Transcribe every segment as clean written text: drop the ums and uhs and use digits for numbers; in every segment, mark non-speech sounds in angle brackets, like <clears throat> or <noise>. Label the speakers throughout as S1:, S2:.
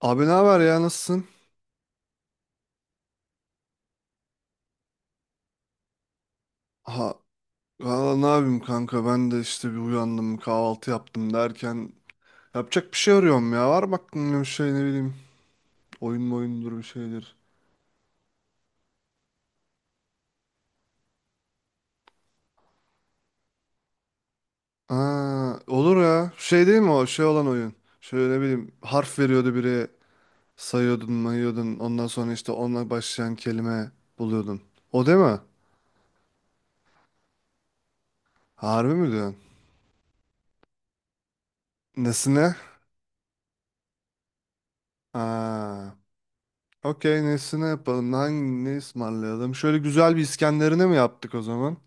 S1: Abi ne haber ya, nasılsın? Ha, Valla ne yapayım kanka, ben de işte bir uyandım, kahvaltı yaptım derken yapacak bir şey arıyorum ya. Var mı aklında bir şey, ne bileyim, oyun mu, oyundur bir şeydir. Olur ya, şey değil mi, o şey olan oyun, şöyle ne bileyim, harf veriyordu biri, sayıyordun mayıyordun, ondan sonra işte onunla başlayan kelime buluyordun. O değil mi? Harbi mi diyorsun? Nesine? Aa, Okey, nesine yapalım, hangi, ne ısmarlayalım, şöyle güzel bir İskenderine mi yaptık o zaman?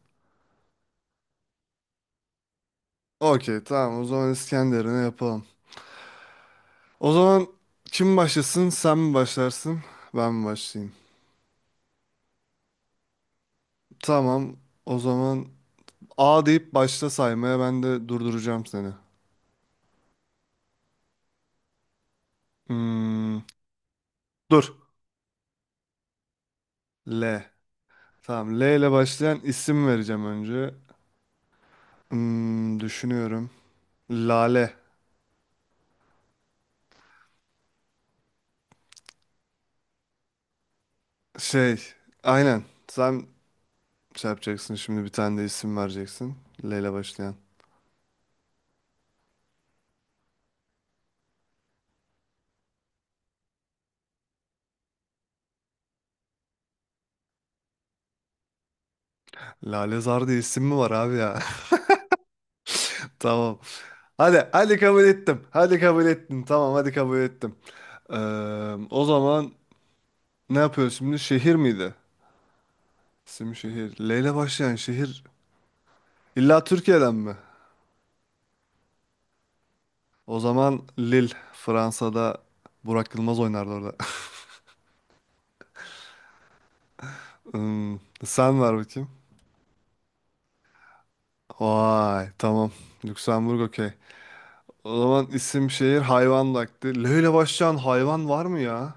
S1: Okey tamam, o zaman İskenderun'u yapalım. O zaman kim başlasın, sen mi başlarsın ben mi başlayayım? Tamam, o zaman A deyip başla saymaya, ben de durduracağım seni. Hmm, Dur. L. Tamam, L ile başlayan isim vereceğim önce. Düşünüyorum. Lale. Şey, aynen, sen şey yapacaksın şimdi, bir tane de isim vereceksin. L ile başlayan. Lale Zar diye isim mi var abi ya? <laughs> Tamam. Hadi, hadi kabul ettim. Hadi kabul ettim. Tamam, hadi kabul ettim. Ee, O zaman ne yapıyoruz şimdi? Şehir miydi? İsim şehir. L ile başlayan şehir. İlla Türkiye'den mi? O zaman Lille. Fransa'da Burak Yılmaz oynardı orada. <laughs> Hmm, Sen ver bakayım. Vay, tamam. Lüksemburg, okey. O zaman isim şehir hayvan vakti. L ile başlayan hayvan var mı ya?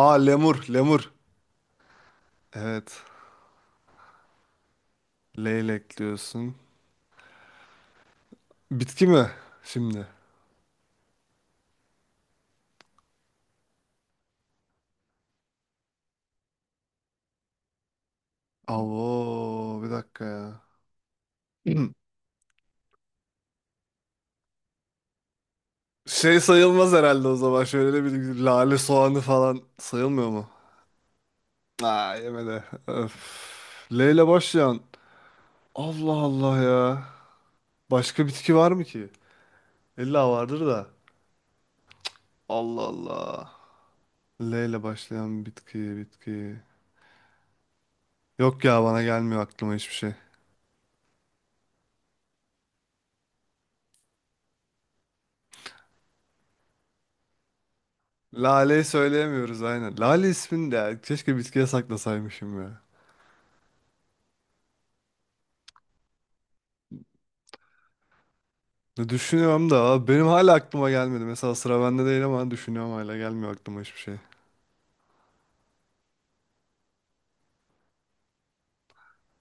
S1: Aa, lemur, lemur. Evet. Leylek diyorsun. Bitki mi şimdi? Avo, bir dakika ya. <clears throat> Şey sayılmaz herhalde o zaman. Şöyle bir lale soğanı falan sayılmıyor mu? Aa, yemedi. Öf. L ile başlayan. Allah Allah ya. Başka bitki var mı ki? İlla vardır da. Allah Allah. L ile başlayan bitki, bitki. Yok ya, bana gelmiyor aklıma hiçbir şey. Lale'yi söyleyemiyoruz aynen. Lale ismini de keşke bitkiye saklasaymışım ya. Düşünüyorum da abi, benim hala aklıma gelmedi. Mesela sıra bende değil ama düşünüyorum, hala gelmiyor aklıma hiçbir şey.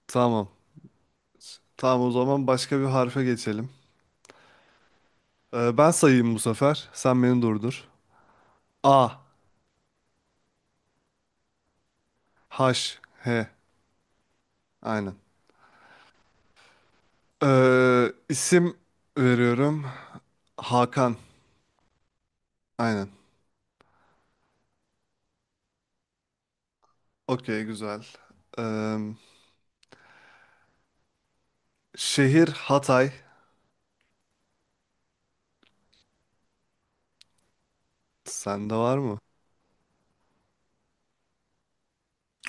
S1: Tamam. Tamam, o zaman başka bir harfe geçelim. Ben sayayım bu sefer. Sen beni durdur. A. H, H. Aynen. İsim veriyorum. Hakan. Aynen. Okey güzel. Ee, Şehir Hatay. Sende var mı?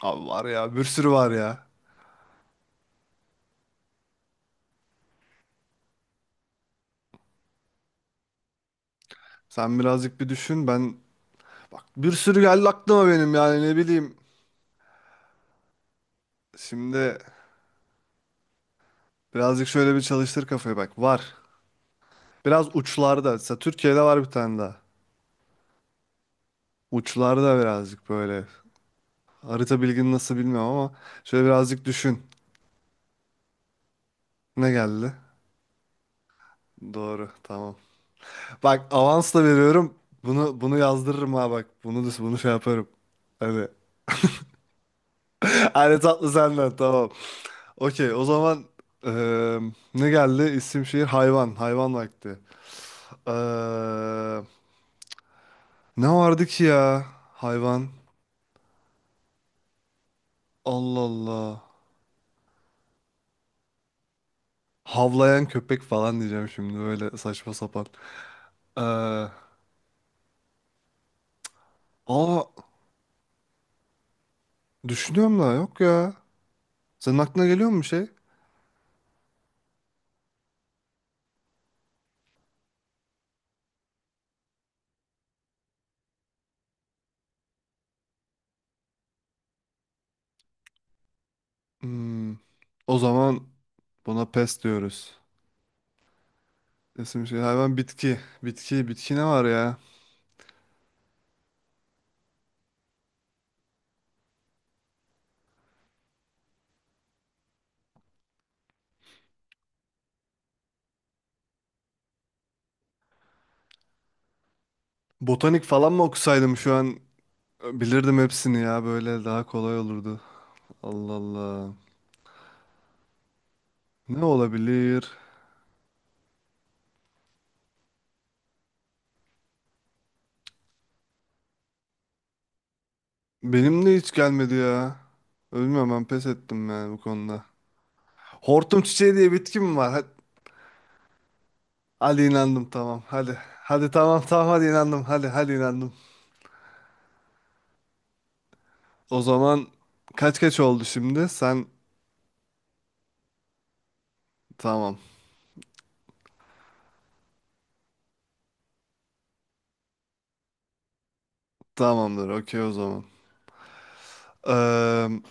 S1: Abi var ya, bir sürü var ya. Sen birazcık bir düşün, ben... Bak, bir sürü geldi aklıma benim, yani ne bileyim. Şimdi birazcık şöyle bir çalıştır kafayı, bak. Var. Biraz uçlarda. Mesela Türkiye'de var bir tane daha. Uçlarda birazcık böyle. Harita bilgin nasıl bilmiyorum ama şöyle birazcık düşün. Ne geldi? Doğru. Tamam. Bak, avansla veriyorum. Bunu bunu yazdırırım ha bak. Bunu bunu şey yaparım. Hadi. <laughs> Hadi, tatlı senden, tamam. Okey o zaman, eee, ne geldi? İsim şehir hayvan. Hayvan vakti. Eee, Ne vardı ki ya? Hayvan. Allah Allah. Havlayan köpek falan diyeceğim şimdi, böyle saçma sapan. Ee, aa Düşünüyorum da yok ya. Senin aklına geliyor mu bir şey? Hmm, O zaman buna pes diyoruz. İsim şey hayvan bitki. Bitki bitki, ne var ya? Botanik falan mı okusaydım şu an, bilirdim hepsini ya, böyle daha kolay olurdu. Allah Allah. Ne olabilir? Benim de hiç gelmedi ya. Bilmiyorum, ben pes ettim yani bu konuda. Hortum çiçeği diye bitki mi var? Hadi inandım, tamam hadi. Hadi tamam, tamam hadi, inandım hadi, hadi inandım. O zaman kaç kaç oldu şimdi? Sen, tamam. Tamamdır, okey o zaman. Eee,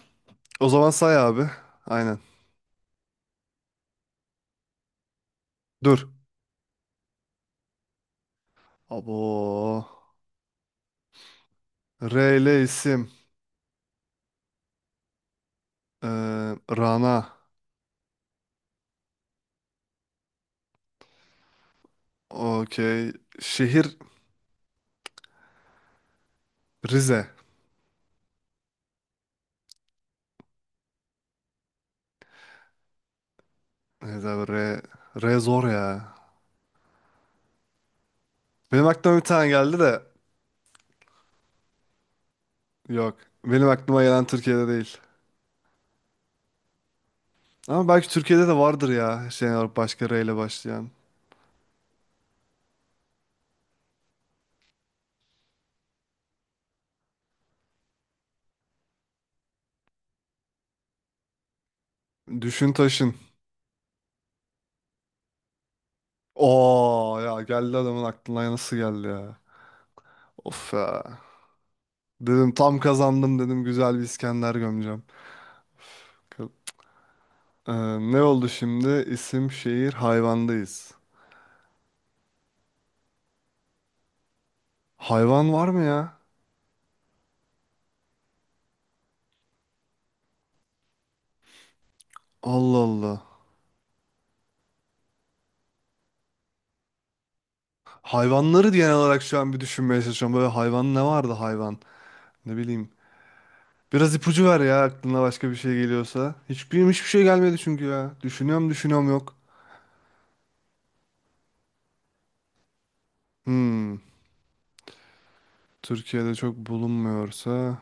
S1: O zaman say abi. Aynen. Dur. Abo. R ile isim. Eee, Rana. Okey. Şehir Rize. Evet abi, R. R zor ya. Benim aklıma bir tane geldi de. Yok. Benim aklıma gelen Türkiye'de değil. Ama belki Türkiye'de de vardır ya. Şey olarak başka R ile başlayan. Düşün taşın. Oo ya, geldi adamın aklına, nasıl geldi ya. Of ya. Dedim tam kazandım, dedim güzel bir İskender gömeceğim. Ka- Ee, Ne oldu şimdi? İsim, şehir, hayvandayız. Hayvan var mı ya? Allah Allah. Hayvanları genel olarak şu an bir düşünmeye çalışıyorum. Böyle hayvan ne vardı hayvan? Ne bileyim. Biraz ipucu ver ya, aklına başka bir şey geliyorsa. Hiçbir şey gelmedi çünkü ya. Düşünüyorum düşünüyorum, yok. Hmm. Türkiye'de çok bulunmuyorsa.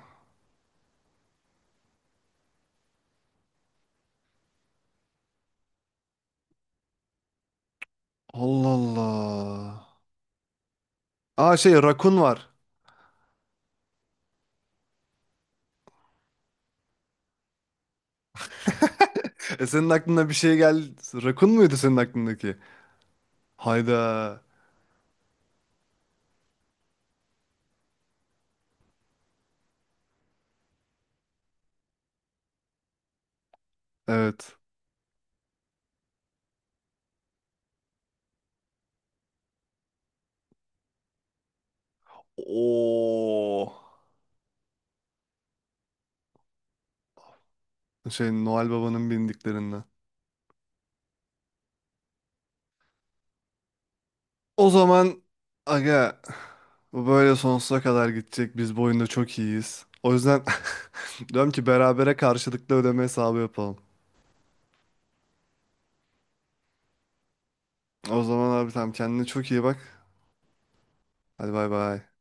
S1: Allah Allah. Aa, şey, rakun var. E, senin aklına bir şey geldi. Rakun muydu senin aklındaki? Hayda. Evet. Oo. Şey, Noel Baba'nın bindiklerinden. O zaman aga, bu böyle sonsuza kadar gidecek. Biz bu oyunda çok iyiyiz. O yüzden <laughs> diyorum ki berabere karşılıklı ödeme hesabı yapalım. O zaman abi, tamam, kendine çok iyi bak. Hadi, bay bay.